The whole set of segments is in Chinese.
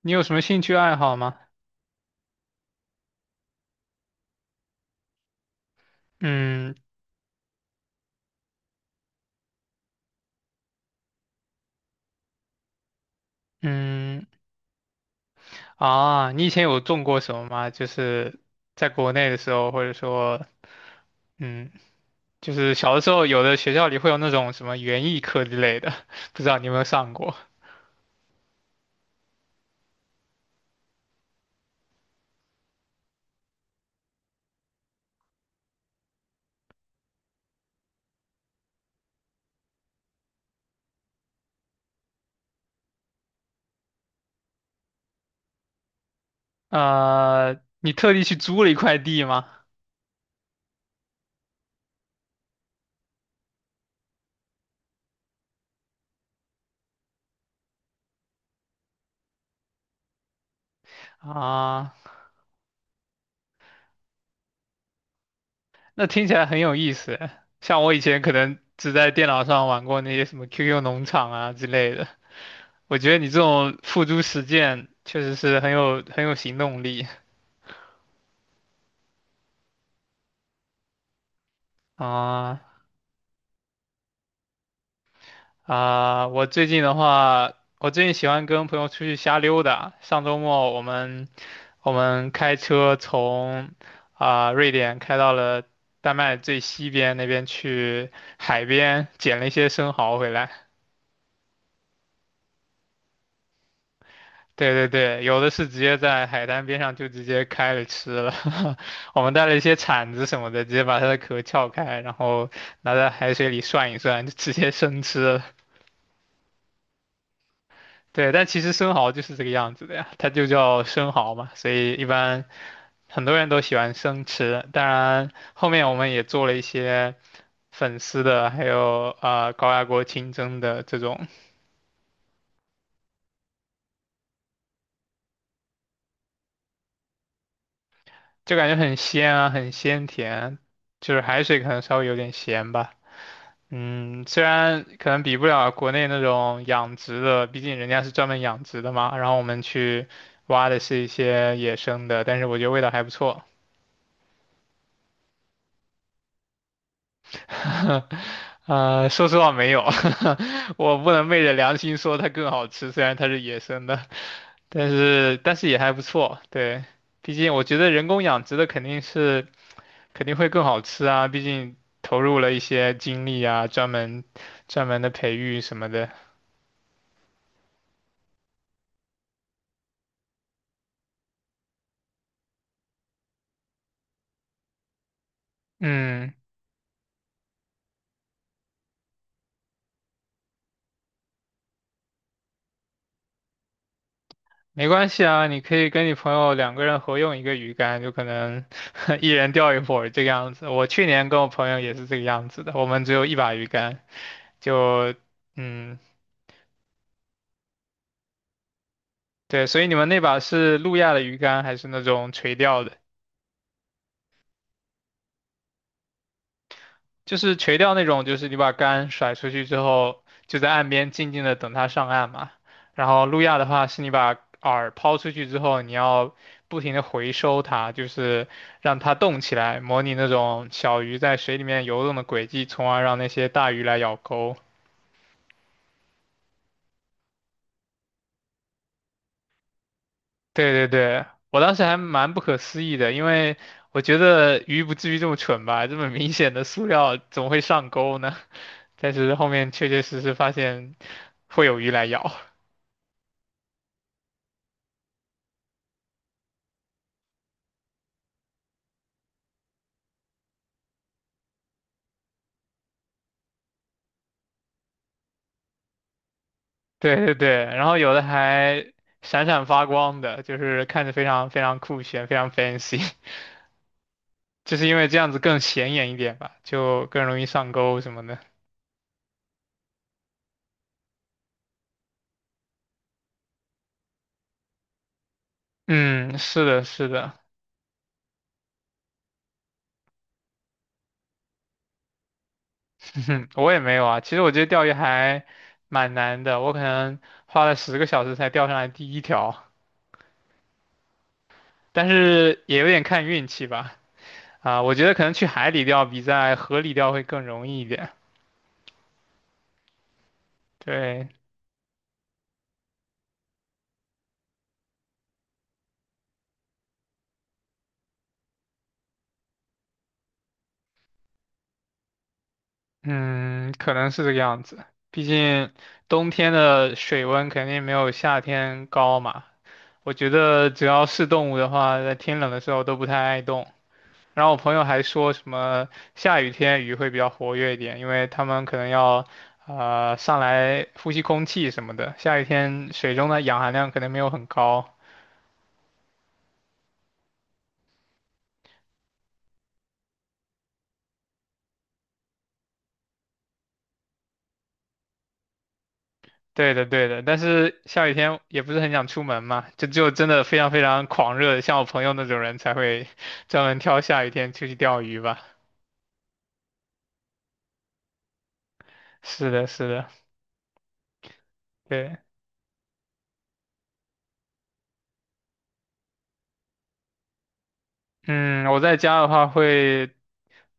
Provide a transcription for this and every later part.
你有什么兴趣爱好吗？嗯嗯。啊，你以前有种过什么吗？就是在国内的时候，或者说，嗯，就是小的时候，有的学校里会有那种什么园艺课之类的，不知道你有没有上过？你特地去租了一块地吗？啊，那听起来很有意思。像我以前可能只在电脑上玩过那些什么 QQ 农场啊之类的。我觉得你这种付诸实践确实是很有行动力。啊啊！我最近喜欢跟朋友出去瞎溜达。上周末我们开车从瑞典开到了丹麦最西边那边去海边捡了一些生蚝回来。对对对，有的是直接在海滩边上就直接开了吃了。我们带了一些铲子什么的，直接把它的壳撬开，然后拿在海水里涮一涮，就直接生吃了。对，但其实生蚝就是这个样子的呀，它就叫生蚝嘛，所以一般很多人都喜欢生吃。当然，后面我们也做了一些粉丝的，还有高压锅清蒸的这种，就感觉很鲜啊，很鲜甜，就是海水可能稍微有点咸吧。虽然可能比不了国内那种养殖的，毕竟人家是专门养殖的嘛，然后我们去挖的是一些野生的，但是我觉得味道还不错。啊，说实话没有。我不能昧着良心说它更好吃，虽然它是野生的，但是也还不错。对，毕竟我觉得人工养殖的肯定会更好吃啊，毕竟投入了一些精力啊，专门的培育什么的。嗯。没关系啊，你可以跟你朋友两个人合用一个鱼竿，就可能 一人钓一会儿这个样子。我去年跟我朋友也是这个样子的，我们只有一把鱼竿，就嗯，对，所以你们那把是路亚的鱼竿还是那种垂钓的？就是垂钓那种，就是你把竿甩出去之后，就在岸边静静的等它上岸嘛。然后路亚的话，是你把饵抛出去之后，你要不停的回收它，就是让它动起来，模拟那种小鱼在水里面游动的轨迹，从而让那些大鱼来咬钩。对对对，我当时还蛮不可思议的，因为我觉得鱼不至于这么蠢吧，这么明显的塑料怎么会上钩呢？但是后面确确实实发现会有鱼来咬。对对对，然后有的还闪闪发光的，就是看着非常非常酷炫，非常 fancy，就是因为这样子更显眼一点吧，就更容易上钩什么的。嗯，是的，是的。我也没有啊。其实我觉得钓鱼还蛮难的，我可能花了10个小时才钓上来第一条，但是也有点看运气吧。啊，我觉得可能去海里钓比在河里钓会更容易一点。对。嗯，可能是这个样子。毕竟冬天的水温肯定没有夏天高嘛。我觉得只要是动物的话，在天冷的时候都不太爱动。然后我朋友还说什么下雨天鱼会比较活跃一点，因为它们可能要上来呼吸空气什么的。下雨天水中的氧含量可能没有很高。对的，对的，但是下雨天也不是很想出门嘛，就只有真的非常非常狂热，像我朋友那种人才会专门挑下雨天出去钓鱼吧。是的，是的。对。嗯，我在家的话会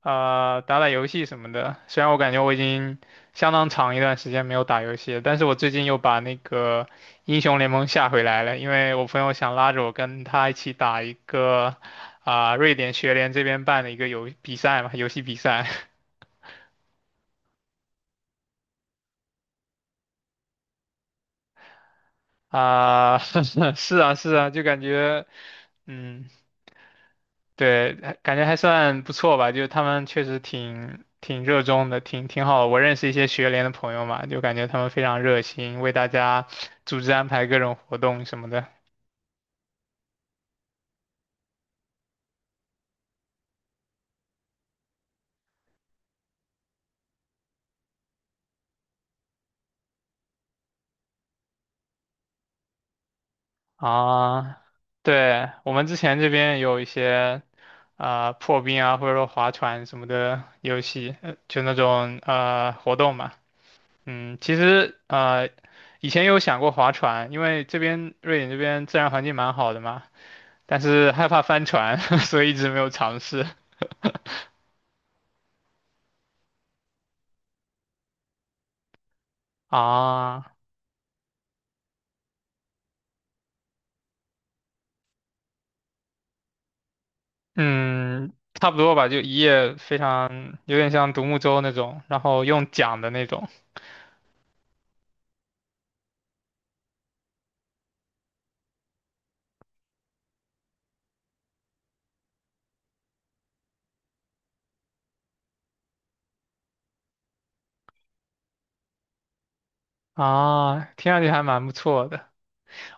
打打游戏什么的，虽然我感觉我已经相当长一段时间没有打游戏了，但是我最近又把那个英雄联盟下回来了，因为我朋友想拉着我跟他一起打一个瑞典学联这边办的一个游戏比赛。啊。是啊，是啊，就感觉，嗯，对，还感觉还算不错吧，就他们确实挺热衷的，挺好的。我认识一些学联的朋友嘛，就感觉他们非常热心，为大家组织安排各种活动什么的。啊，对，我们之前这边有一些破冰啊，或者说划船什么的游戏，就那种活动嘛。其实以前有想过划船，因为这边瑞典这边自然环境蛮好的嘛，但是害怕翻船，所以一直没有尝试。啊，嗯，差不多吧，就一夜非常有点像独木舟那种，然后用桨的那种。啊，听上去还蛮不错的。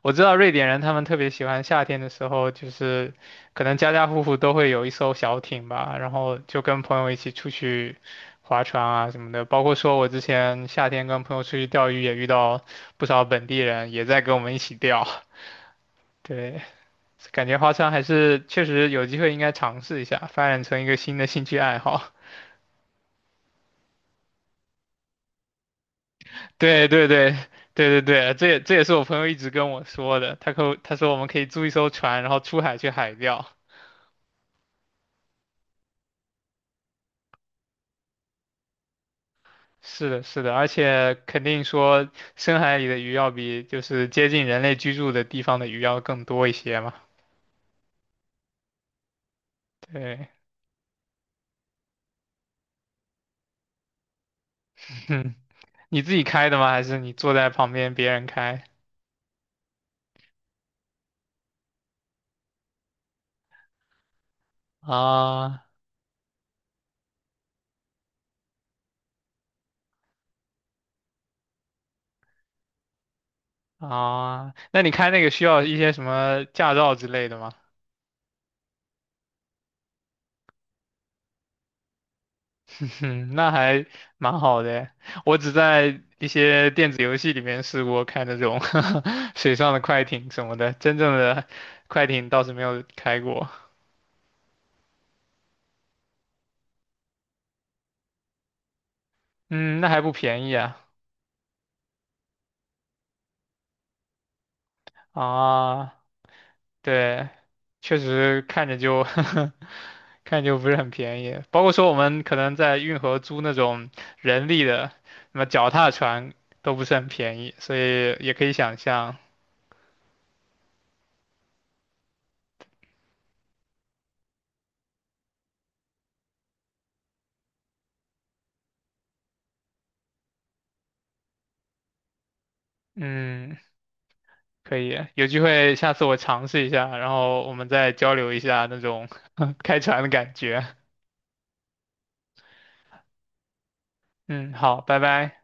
我知道瑞典人他们特别喜欢夏天的时候，就是可能家家户户都会有一艘小艇吧，然后就跟朋友一起出去划船啊什么的。包括说我之前夏天跟朋友出去钓鱼，也遇到不少本地人也在跟我们一起钓。对，感觉划船还是确实有机会应该尝试一下，发展成一个新的兴趣爱好。对对对对对对，这也是我朋友一直跟我说的，他说我们可以租一艘船，然后出海去海钓。是的，是的，而且肯定说深海里的鱼要比就是接近人类居住的地方的鱼要更多一些嘛。对。哼，你自己开的吗？还是你坐在旁边别人开？啊啊，那你开那个需要一些什么驾照之类的吗？嗯。那还蛮好的。我只在一些电子游戏里面试过开那种 水上的快艇什么的，真正的快艇倒是没有开过。嗯，那还不便宜啊。啊，对，确实看着就 看着就不是很便宜。包括说我们可能在运河租那种人力的，什么脚踏船都不是很便宜，所以也可以想象。嗯。可以，有机会下次我尝试一下，然后我们再交流一下那种 开船的感觉。嗯，好，拜拜。